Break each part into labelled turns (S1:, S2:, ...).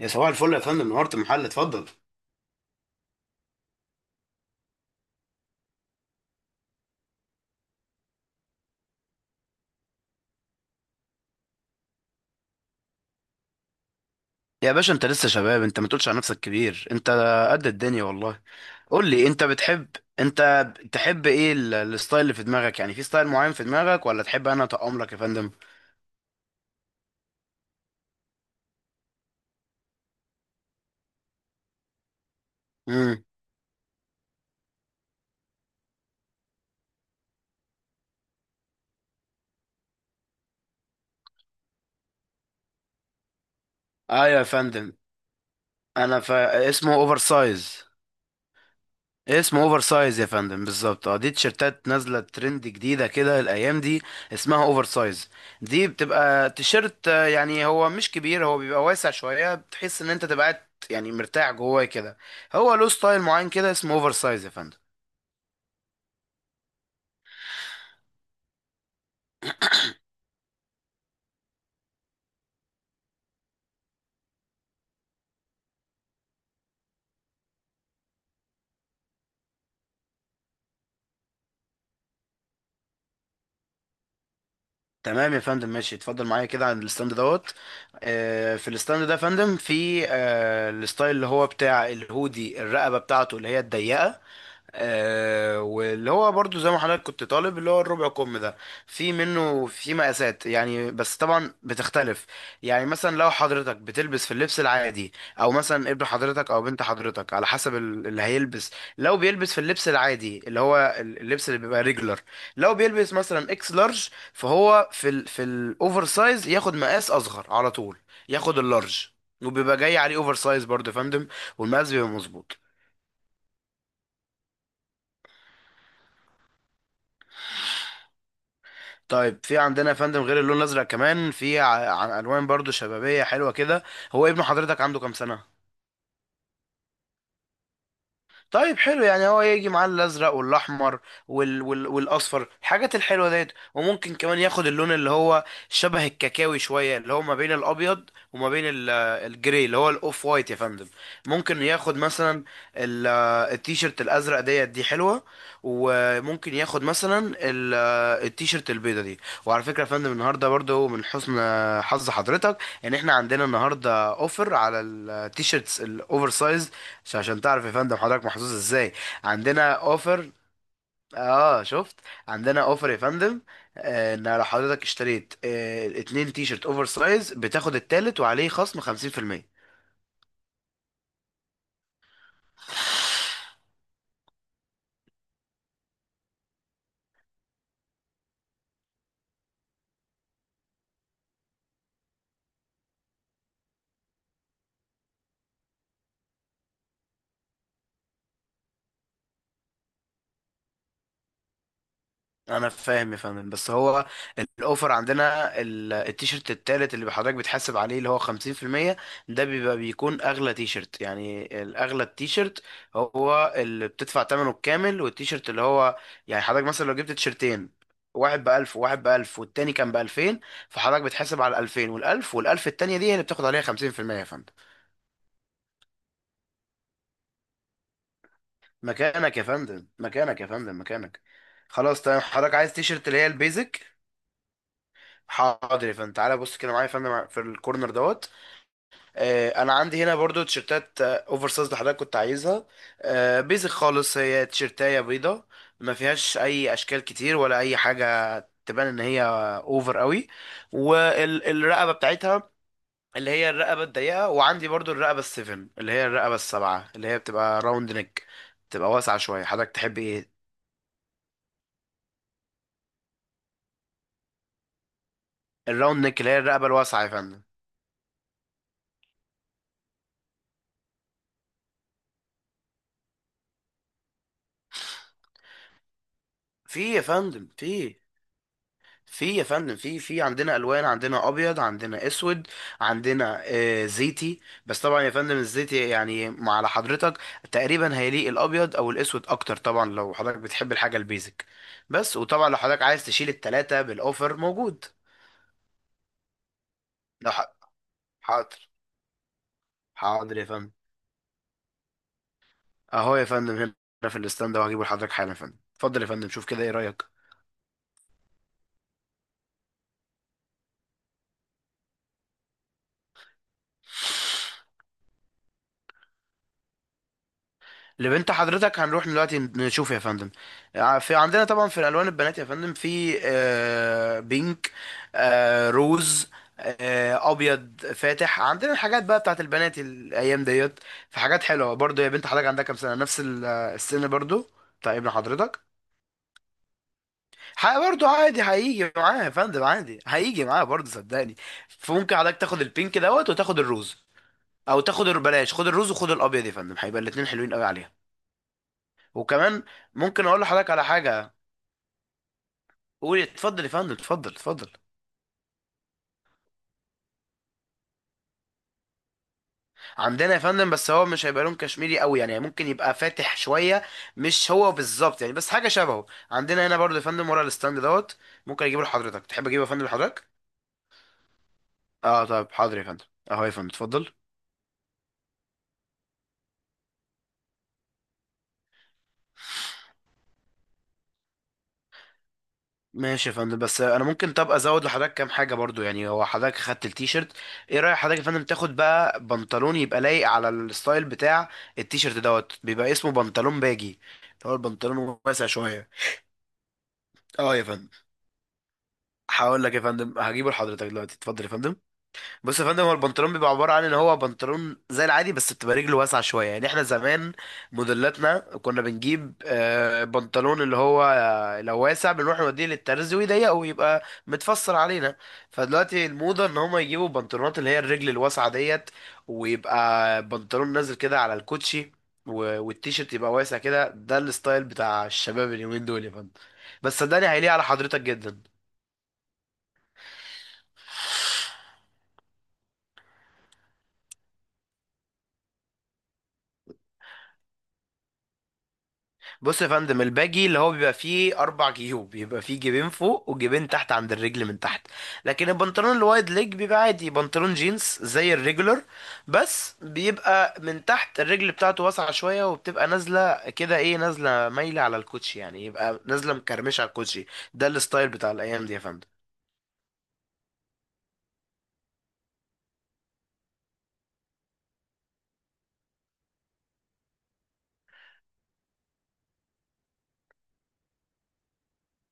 S1: يا صباح الفل يا فندم. نهارت المحل. اتفضل يا باشا، انت لسه شباب، انت ما تقولش على نفسك كبير، انت قد الدنيا والله. قول لي انت بتحب، انت تحب ايه الستايل اللي في دماغك؟ يعني في ستايل معين في دماغك ولا تحب انا اطقم لك يا فندم؟ امم ايوه يا فندم. انا اسمه اوفر سايز. اسمه اوفر سايز يا فندم، بالظبط. اه دي تيشيرتات نازله ترند جديده كده الايام دي، اسمها اوفر سايز. دي بتبقى تيشيرت، يعني هو مش كبير، هو بيبقى واسع شويه، بتحس ان انت تبقى قاعد يعني مرتاح جواه كده. هو له ستايل معين كده، اسمه اوفر سايز يا فندم. تمام يا فندم، ماشي، اتفضل معايا كده عند الستاند دوت. في الستاند ده يا فندم، في الستايل اللي هو بتاع الهودي، الرقبه بتاعته اللي هي الضيقه، آه، واللي هو برضو زي ما حضرتك كنت طالب اللي هو الربع كم ده. في منه في مقاسات يعني، بس طبعا بتختلف. يعني مثلا لو حضرتك بتلبس في اللبس العادي، او مثلا ابن حضرتك او بنت حضرتك، على حسب اللي هيلبس. لو بيلبس في اللبس العادي اللي هو اللبس اللي بيبقى ريجلر، لو بيلبس مثلا اكس لارج، فهو في الاوفر سايز ياخد مقاس اصغر على طول، ياخد اللارج، وبيبقى جاي عليه اوفر سايز برضه يا فندم، والمقاس بيبقى مظبوط. طيب، في عندنا يا فندم غير اللون الازرق كمان، في عن الوان برضو شبابيه حلوه كده. هو ابن حضرتك عنده كام سنه؟ طيب حلو، يعني هو يجي معاه الازرق والاحمر والاصفر، الحاجات الحلوه ديت، وممكن كمان ياخد اللون اللي هو شبه الكاكاوي شويه، اللي هو ما بين الابيض وما بين الجري، اللي هو الاوف وايت يا فندم. ممكن ياخد مثلا ال... التيشيرت الازرق ديت، دي حلوه، وممكن ياخد مثلا التيشيرت البيضه دي. وعلى فكره يا فندم، النهارده برضو من حسن حظ حضرتك ان احنا عندنا النهارده اوفر على التيشيرتس الاوفر سايز. مش عشان تعرف يا فندم حضرتك محظوظ ازاي، عندنا اوفر. اه شفت؟ عندنا اوفر يا فندم، ان لو حضرتك اشتريت اتنين تي شيرت اوفر سايز، بتاخد التالت وعليه خصم 50%. انا فاهم يا فندم، بس هو الاوفر عندنا التيشيرت التالت اللي حضرتك بتحاسب عليه اللي هو 50%، ده بيبقى بيكون اغلى تيشيرت. يعني الاغلى التيشيرت هو اللي بتدفع ثمنه الكامل، والتيشيرت اللي هو، يعني حضرتك مثلا لو جبت تيشيرتين، واحد بألف وواحد بألف والتاني كان بألفين، فحضرتك بتحاسب على الألفين، والألف والألف التانية دي هي اللي بتاخد عليها خمسين في المية يا فندم. مكانك يا فندم، مكانك يا فندم، مكانك. خلاص، تمام، حضرتك عايز تيشيرت اللي هي البيزك. حاضر يا فندم، تعالى بص كده معايا يا فندم في الكورنر دوت. آه، انا عندي هنا برضو تيشرتات، اوفر سايز اللي حضرتك كنت عايزها، آه بيزك خالص، هي تيشرتايه بيضه، ما فيهاش اي اشكال كتير ولا اي حاجه، تبان ان هي اوفر قوي. والرقبه بتاعتها اللي هي الرقبه الضيقه، وعندي برضو الرقبه السفن اللي هي الرقبه السبعه اللي هي بتبقى راوند نيك، بتبقى واسعه شويه. حضرتك تحب ايه؟ الراوند نيك اللي هي الرقبه الواسعه يا فندم. في يا فندم في يا فندم في عندنا الوان، عندنا ابيض، عندنا اسود، عندنا آه زيتي، بس طبعا يا فندم الزيتي يعني مع على حضرتك تقريبا، هيليق الابيض او الاسود اكتر، طبعا لو حضرتك بتحب الحاجه البيزك. بس، وطبعا لو حضرتك عايز تشيل التلاته بالاوفر موجود. لو ح- حاضر. حاضر يا فندم، اهو يا فندم هنا في الاستاند ده، وهجيبه لحضرتك حالا يا فندم. اتفضل يا فندم، شوف كده، ايه رايك؟ لبنت حضرتك هنروح دلوقتي نشوف يا فندم. في عندنا طبعا في الالوان البنات يا فندم، في بينك، روز، ابيض فاتح. عندنا الحاجات بقى بتاعت البنات الايام ديت، في حاجات حلوه برضو. يا بنت حضرتك عندها كام سنه؟ نفس السن برضو بتاع ابن حضرتك. برضو عادي، هيجي معاه يا فندم، عادي هيجي معاه برضو، صدقني. فممكن حضرتك تاخد البينك دوت وتاخد الروز، او تاخد بلاش، خد الروز وخد الابيض يا فندم، هيبقى الاتنين حلوين قوي عليها. وكمان ممكن اقول لحضرتك على حاجه. قولي، اتفضل يا فندم، اتفضل، اتفضل. عندنا يا فندم، بس هو مش هيبقى لون كشميري قوي، يعني ممكن يبقى فاتح شويه، مش هو بالظبط يعني، بس حاجه شبهه. عندنا هنا برضه يا فندم ورا الستاند دوت، ممكن اجيبه لحضرتك. تحب اجيبه يا فندم لحضرتك؟ اه طيب، حاضر يا فندم. اهو يا فندم، اتفضل. ماشي يا فندم، بس انا ممكن طب ازود لحضرتك كام حاجه برضو، يعني هو حضرتك خدت التيشيرت، ايه رايك حضرتك يا فندم تاخد بقى بنطلون يبقى لايق على الستايل بتاع التيشيرت دوت؟ بيبقى اسمه بنطلون باجي، اللي هو البنطلون واسع شويه. اه يا فندم، هقول لك يا فندم، هجيبه لحضرتك دلوقتي، اتفضل يا فندم. بص يا فندم، هو البنطلون بيبقى عبارة عن ان هو بنطلون زي العادي، بس بتبقى رجله واسعة شوية. يعني احنا زمان موديلاتنا كنا بنجيب بنطلون اللي هو، لو واسع بنروح نوديه للترز، ويضيقه ويبقى متفصل علينا. فدلوقتي الموضة ان هما يجيبوا بنطلونات اللي هي الرجل الواسعة ديت، ويبقى بنطلون نازل كده على الكوتشي، والتيشيرت يبقى واسع كده. ده الستايل بتاع الشباب اليومين دول يا فندم، بس صدقني هيليق على حضرتك جدا. بص يا فندم، الباجي اللي هو بيبقى فيه اربع جيوب، بيبقى فيه جيبين فوق وجيبين تحت عند الرجل من تحت. لكن البنطلون الوايد ليج بيبقى عادي بنطلون جينز زي الريجولر، بس بيبقى من تحت الرجل بتاعته واسعة شوية، وبتبقى نازلة كده، ايه، نازلة مايلة على الكوتشي، يعني يبقى نازلة مكرمشة على الكوتشي. ده الستايل بتاع الايام دي يا فندم.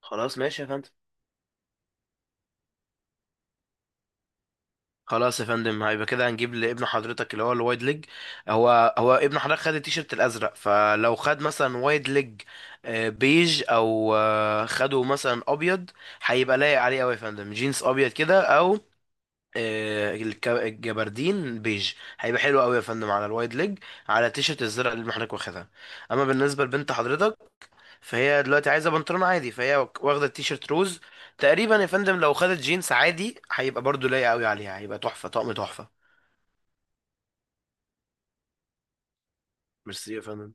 S1: خلاص ماشي يا فندم، خلاص يا فندم، هيبقى كده هنجيب لابن حضرتك اللي هو الوايد ليج. هو ابن حضرتك خد التيشيرت الازرق، فلو خد مثلا وايد ليج بيج، او خده مثلا ابيض، هيبقى لايق عليه قوي يا فندم، جينز ابيض كده، او الجبردين بيج، هيبقى حلو قوي يا فندم على الوايد ليج، على التيشيرت الزرق اللي ابن حضرتك واخدها. اما بالنسبه لبنت حضرتك، فهي دلوقتي عايزه بنطلون عادي، فهي واخده التيشيرت روز، تقريبا يا فندم لو خدت جينز عادي هيبقى برضو لايق قوي عليها، هيبقى تحفه، طقم تحفه. ميرسي يا فندم.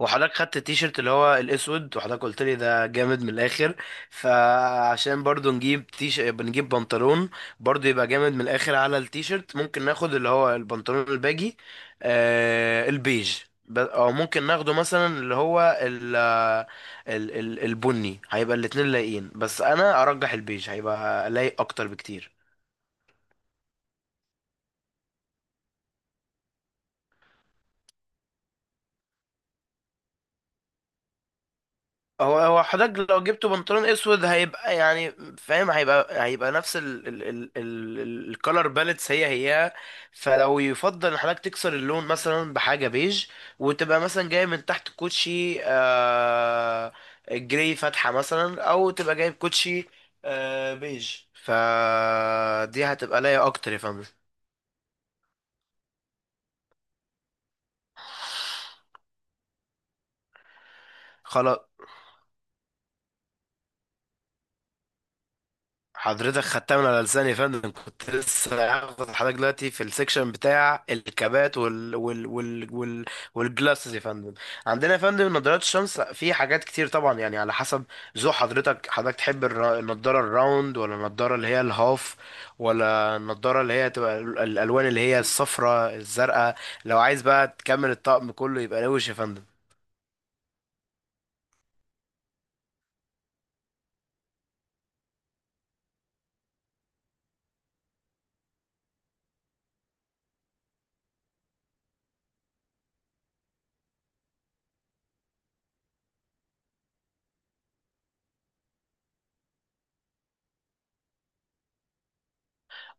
S1: وحضرتك خدت التيشيرت اللي هو الاسود، وحضرتك قلت لي ده جامد من الاخر، فعشان برضو نجيب تيش، بنجيب بنطلون برضو يبقى جامد من الاخر على التيشيرت، ممكن ناخد اللي هو البنطلون الباجي البيج، او ممكن ناخده مثلا اللي هو ال ال ال البني، هيبقى الاتنين لايقين، بس انا ارجح البيج هيبقى لايق اكتر بكتير. هو حضرتك لو جبته بنطلون اسود هيبقى يعني فاهم، هيبقى نفس ال الكالر باليتس، هي هي. فلو يفضل ان حضرتك تكسر اللون مثلا بحاجه بيج، وتبقى مثلا جاي من تحت كوتشي جراي فاتحه مثلا، او تبقى جايب كوتشي بيج، فدي هتبقى لايقه اكتر يا فندم. خلاص، حضرتك خدتها من على لساني يا فندم، كنت لسه هاخد حضرتك دلوقتي في السكشن بتاع الكابات والجلاسز يا فندم. عندنا يا فندم نظارات الشمس في حاجات كتير طبعا، يعني على حسب ذوق حضرتك، حضرتك تحب النضاره الراوند، ولا النضاره اللي هي الهاف، ولا النضاره اللي هي تبقى الالوان اللي هي الصفراء الزرقاء. لو عايز بقى تكمل الطقم كله، يبقى روش يا فندم.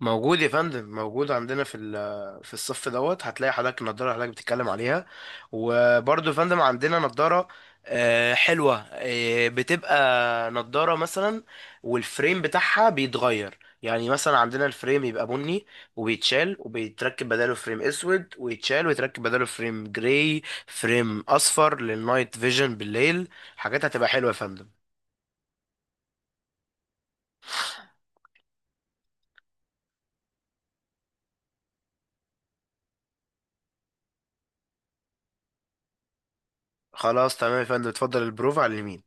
S1: موجود يا فندم، موجود، عندنا في في الصف دوت هتلاقي حضرتك النضاره اللي حضرتك بتتكلم عليها. وبرضه يا فندم عندنا نضاره حلوه، بتبقى نضاره مثلا والفريم بتاعها بيتغير، يعني مثلا عندنا الفريم يبقى بني، وبيتشال وبيتركب بداله فريم اسود، ويتشال ويتركب بداله فريم جراي، فريم اصفر للنايت فيجن بالليل، حاجات هتبقى حلوه يا فندم. خلاص، تمام يا فندم، اتفضل، البروف على اليمين.